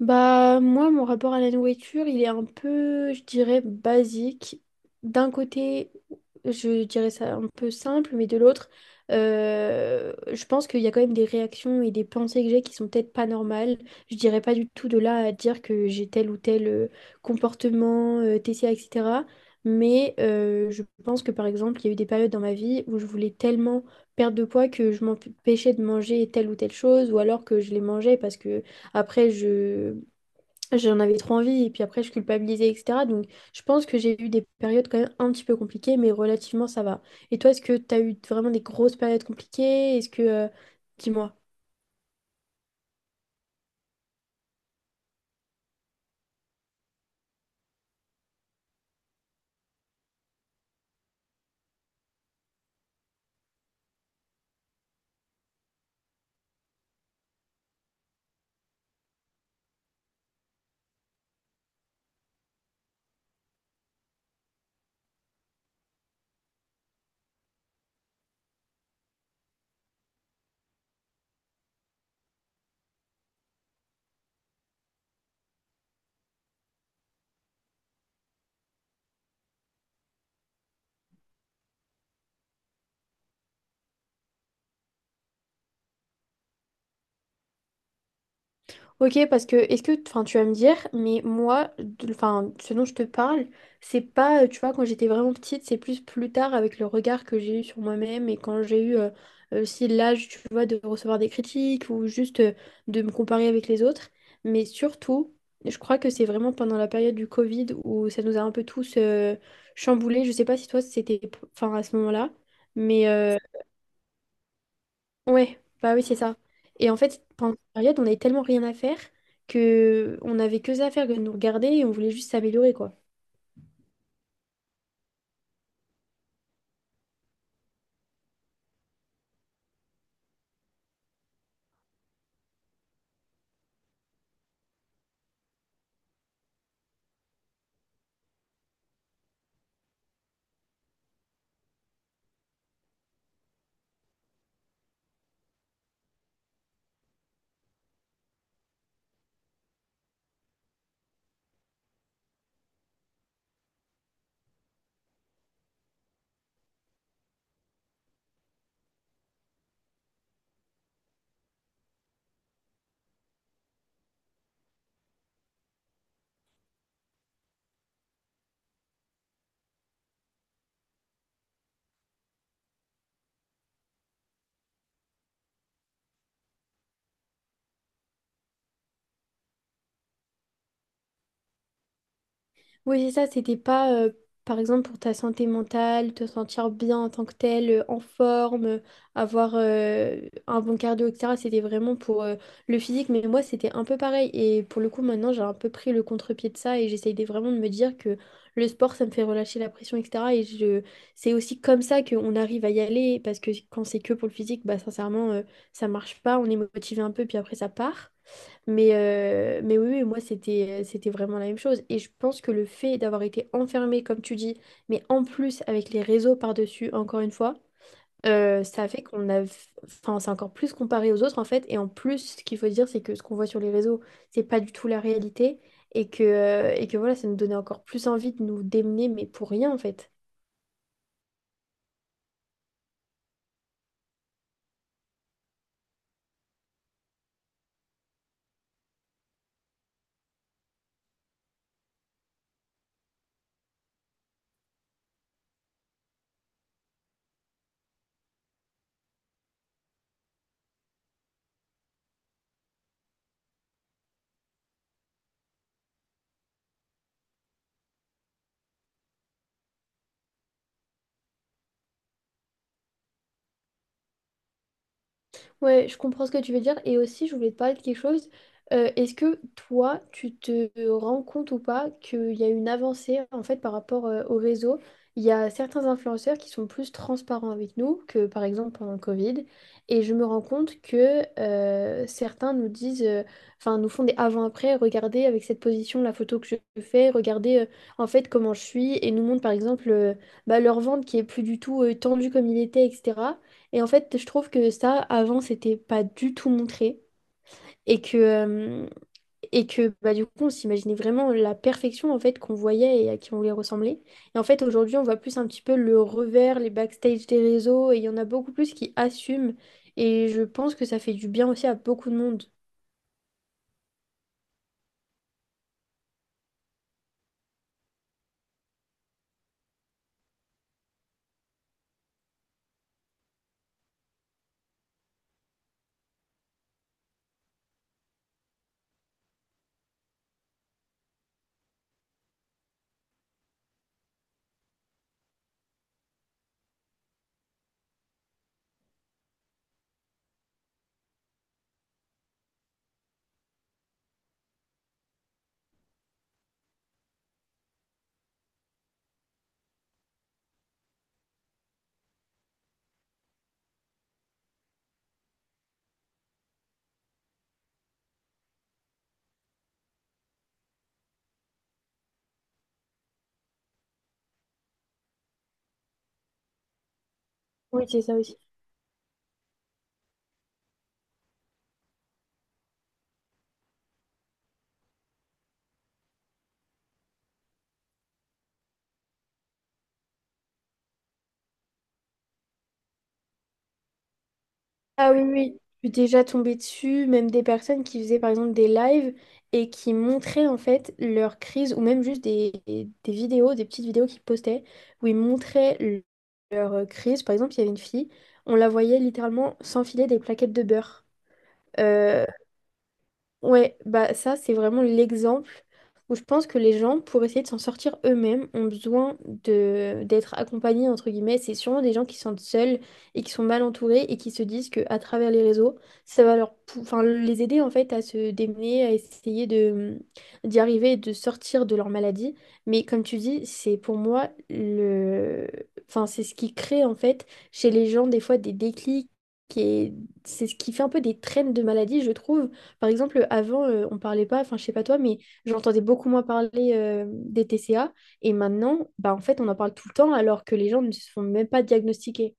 Bah, moi, mon rapport à la nourriture, il est un peu, je dirais, basique. D'un côté, je dirais ça un peu simple, mais de l'autre, je pense qu'il y a quand même des réactions et des pensées que j'ai qui sont peut-être pas normales. Je dirais pas du tout de là à dire que j'ai tel ou tel comportement, TCA, etc. Mais je pense que, par exemple, il y a eu des périodes dans ma vie où je voulais tellement perdre de poids que je m'empêchais de manger telle ou telle chose, ou alors que je les mangeais parce que après, je j'en avais trop envie et puis après, je culpabilisais, etc. Donc, je pense que j'ai eu des périodes quand même un petit peu compliquées, mais relativement, ça va. Et toi, est-ce que tu as eu vraiment des grosses périodes compliquées? Dis-moi. Ok, parce que est-ce que, enfin, tu vas me dire, mais moi, enfin, ce dont je te parle, c'est pas, tu vois, quand j'étais vraiment petite, c'est plus tard avec le regard que j'ai eu sur moi-même et quand j'ai eu aussi l'âge, tu vois, de recevoir des critiques ou juste de me comparer avec les autres. Mais surtout, je crois que c'est vraiment pendant la période du Covid où ça nous a un peu tous chamboulés. Je sais pas si toi c'était, enfin à ce moment-là, mais ouais, bah oui, c'est ça. Et en fait, pendant cette période, on n'avait tellement rien à faire que on n'avait que ça à faire que de nous regarder et on voulait juste s'améliorer, quoi. Oui, c'est ça, c'était pas, par exemple, pour ta santé mentale, te sentir bien en tant que tel, en forme, avoir un bon cardio, etc. C'était vraiment pour le physique, mais moi, c'était un peu pareil. Et pour le coup, maintenant, j'ai un peu pris le contre-pied de ça et vraiment de me dire que le sport, ça me fait relâcher la pression, etc. Et je... c'est aussi comme ça qu'on arrive à y aller, parce que quand c'est que pour le physique, bah, sincèrement, ça marche pas, on est motivé un peu, puis après, ça part. Mais oui, oui, moi, c'était, c'était vraiment la même chose. Et je pense que le fait d'avoir été enfermé, comme tu dis, mais en plus avec les réseaux par-dessus, encore une fois, ça a fait qu'on a... Enfin, c'est encore plus comparé aux autres, en fait. Et en plus, ce qu'il faut dire, c'est que ce qu'on voit sur les réseaux, c'est pas du tout la réalité. Et que voilà, ça nous donnait encore plus envie de nous démener, mais pour rien, en fait. Ouais, je comprends ce que tu veux dire. Et aussi, je voulais te parler de quelque chose. Est-ce que toi, tu te rends compte ou pas qu'il y a une avancée en fait par rapport au réseau? Il y a certains influenceurs qui sont plus transparents avec nous que par exemple pendant le Covid. Et je me rends compte que certains nous disent, enfin nous font des avant-après, regardez avec cette position la photo que je fais, regardez en fait comment je suis et nous montrent par exemple bah, leur ventre qui est plus du tout tendu comme il était, etc. Et en fait, je trouve que ça, avant, c'était pas du tout montré. Et que, euh, et que bah, du coup, on s'imaginait vraiment la perfection en fait qu'on voyait et à qui on voulait ressembler. Et en fait, aujourd'hui, on voit plus un petit peu le revers, les backstage des réseaux. Et il y en a beaucoup plus qui assument. Et je pense que ça fait du bien aussi à beaucoup de monde. Oui, c'est ça aussi. Ah oui, oui, je suis déjà tombée dessus, même des personnes qui faisaient par exemple des lives et qui montraient en fait leur crise ou même juste des vidéos, des petites vidéos qu'ils postaient où leur crise. Par exemple, il y avait une fille, on la voyait littéralement s'enfiler des plaquettes de beurre. Euh, Ouais, bah ça, c'est vraiment l'exemple où je pense que les gens, pour essayer de s'en sortir eux-mêmes, ont besoin de d'être accompagnés entre guillemets. C'est sûrement des gens qui se sentent seuls et qui sont mal entourés et qui se disent que à travers les réseaux, ça va leur, enfin les aider en fait à se démener, à essayer de d'y arriver, et de sortir de leur maladie. Mais comme tu dis, c'est pour moi le, enfin c'est ce qui crée en fait chez les gens des fois des déclics et c'est ce qui fait un peu des traînes de maladie, je trouve, par exemple. Avant, on parlait pas, enfin, je sais pas toi, mais j'entendais beaucoup moins parler des TCA. Et maintenant, bah, en fait, on en parle tout le temps alors que les gens ne se font même pas diagnostiquer.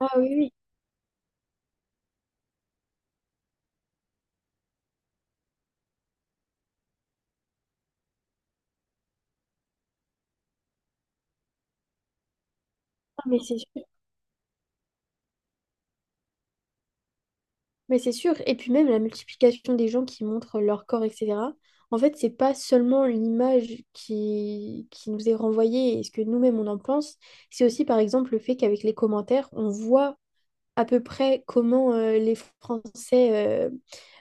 Ah oui, oui. Ah, mais c'est sûr. Mais c'est sûr. Et puis même la multiplication des gens qui montrent leur corps, etc. En fait, c'est pas seulement l'image qui nous est renvoyée et ce que nous-mêmes on en pense, c'est aussi par exemple le fait qu'avec les commentaires, on voit à peu près comment les Français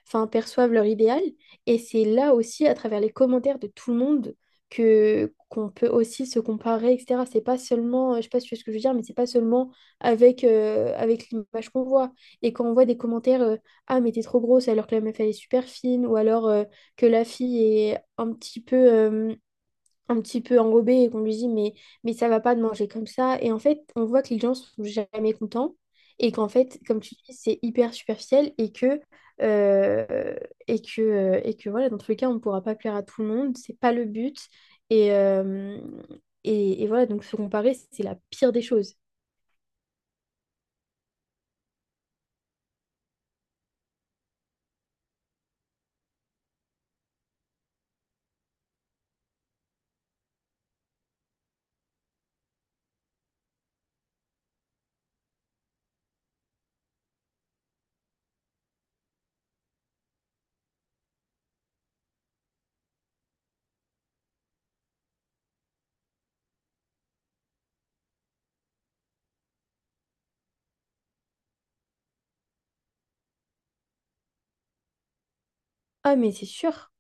enfin, perçoivent leur idéal. Et c'est là aussi, à travers les commentaires de tout le monde, que qu'on peut aussi se comparer, etc. C'est pas seulement, je sais pas si tu vois ce que je veux dire, mais c'est pas seulement avec, avec l'image qu'on voit. Et quand on voit des commentaires, ah mais t'es trop grosse alors que la meuf elle est super fine, ou alors que la fille est un petit peu enrobé et qu'on lui dit mais ça va pas de manger comme ça. Et en fait, on voit que les gens sont jamais contents et qu'en fait, comme tu dis, c'est hyper superficiel euh, et que voilà, dans tous les cas, on ne pourra pas plaire à tout le monde, c'est pas le but. Et, euh, et voilà, donc se comparer, c'est la pire des choses. Ah, mais c'est sûr,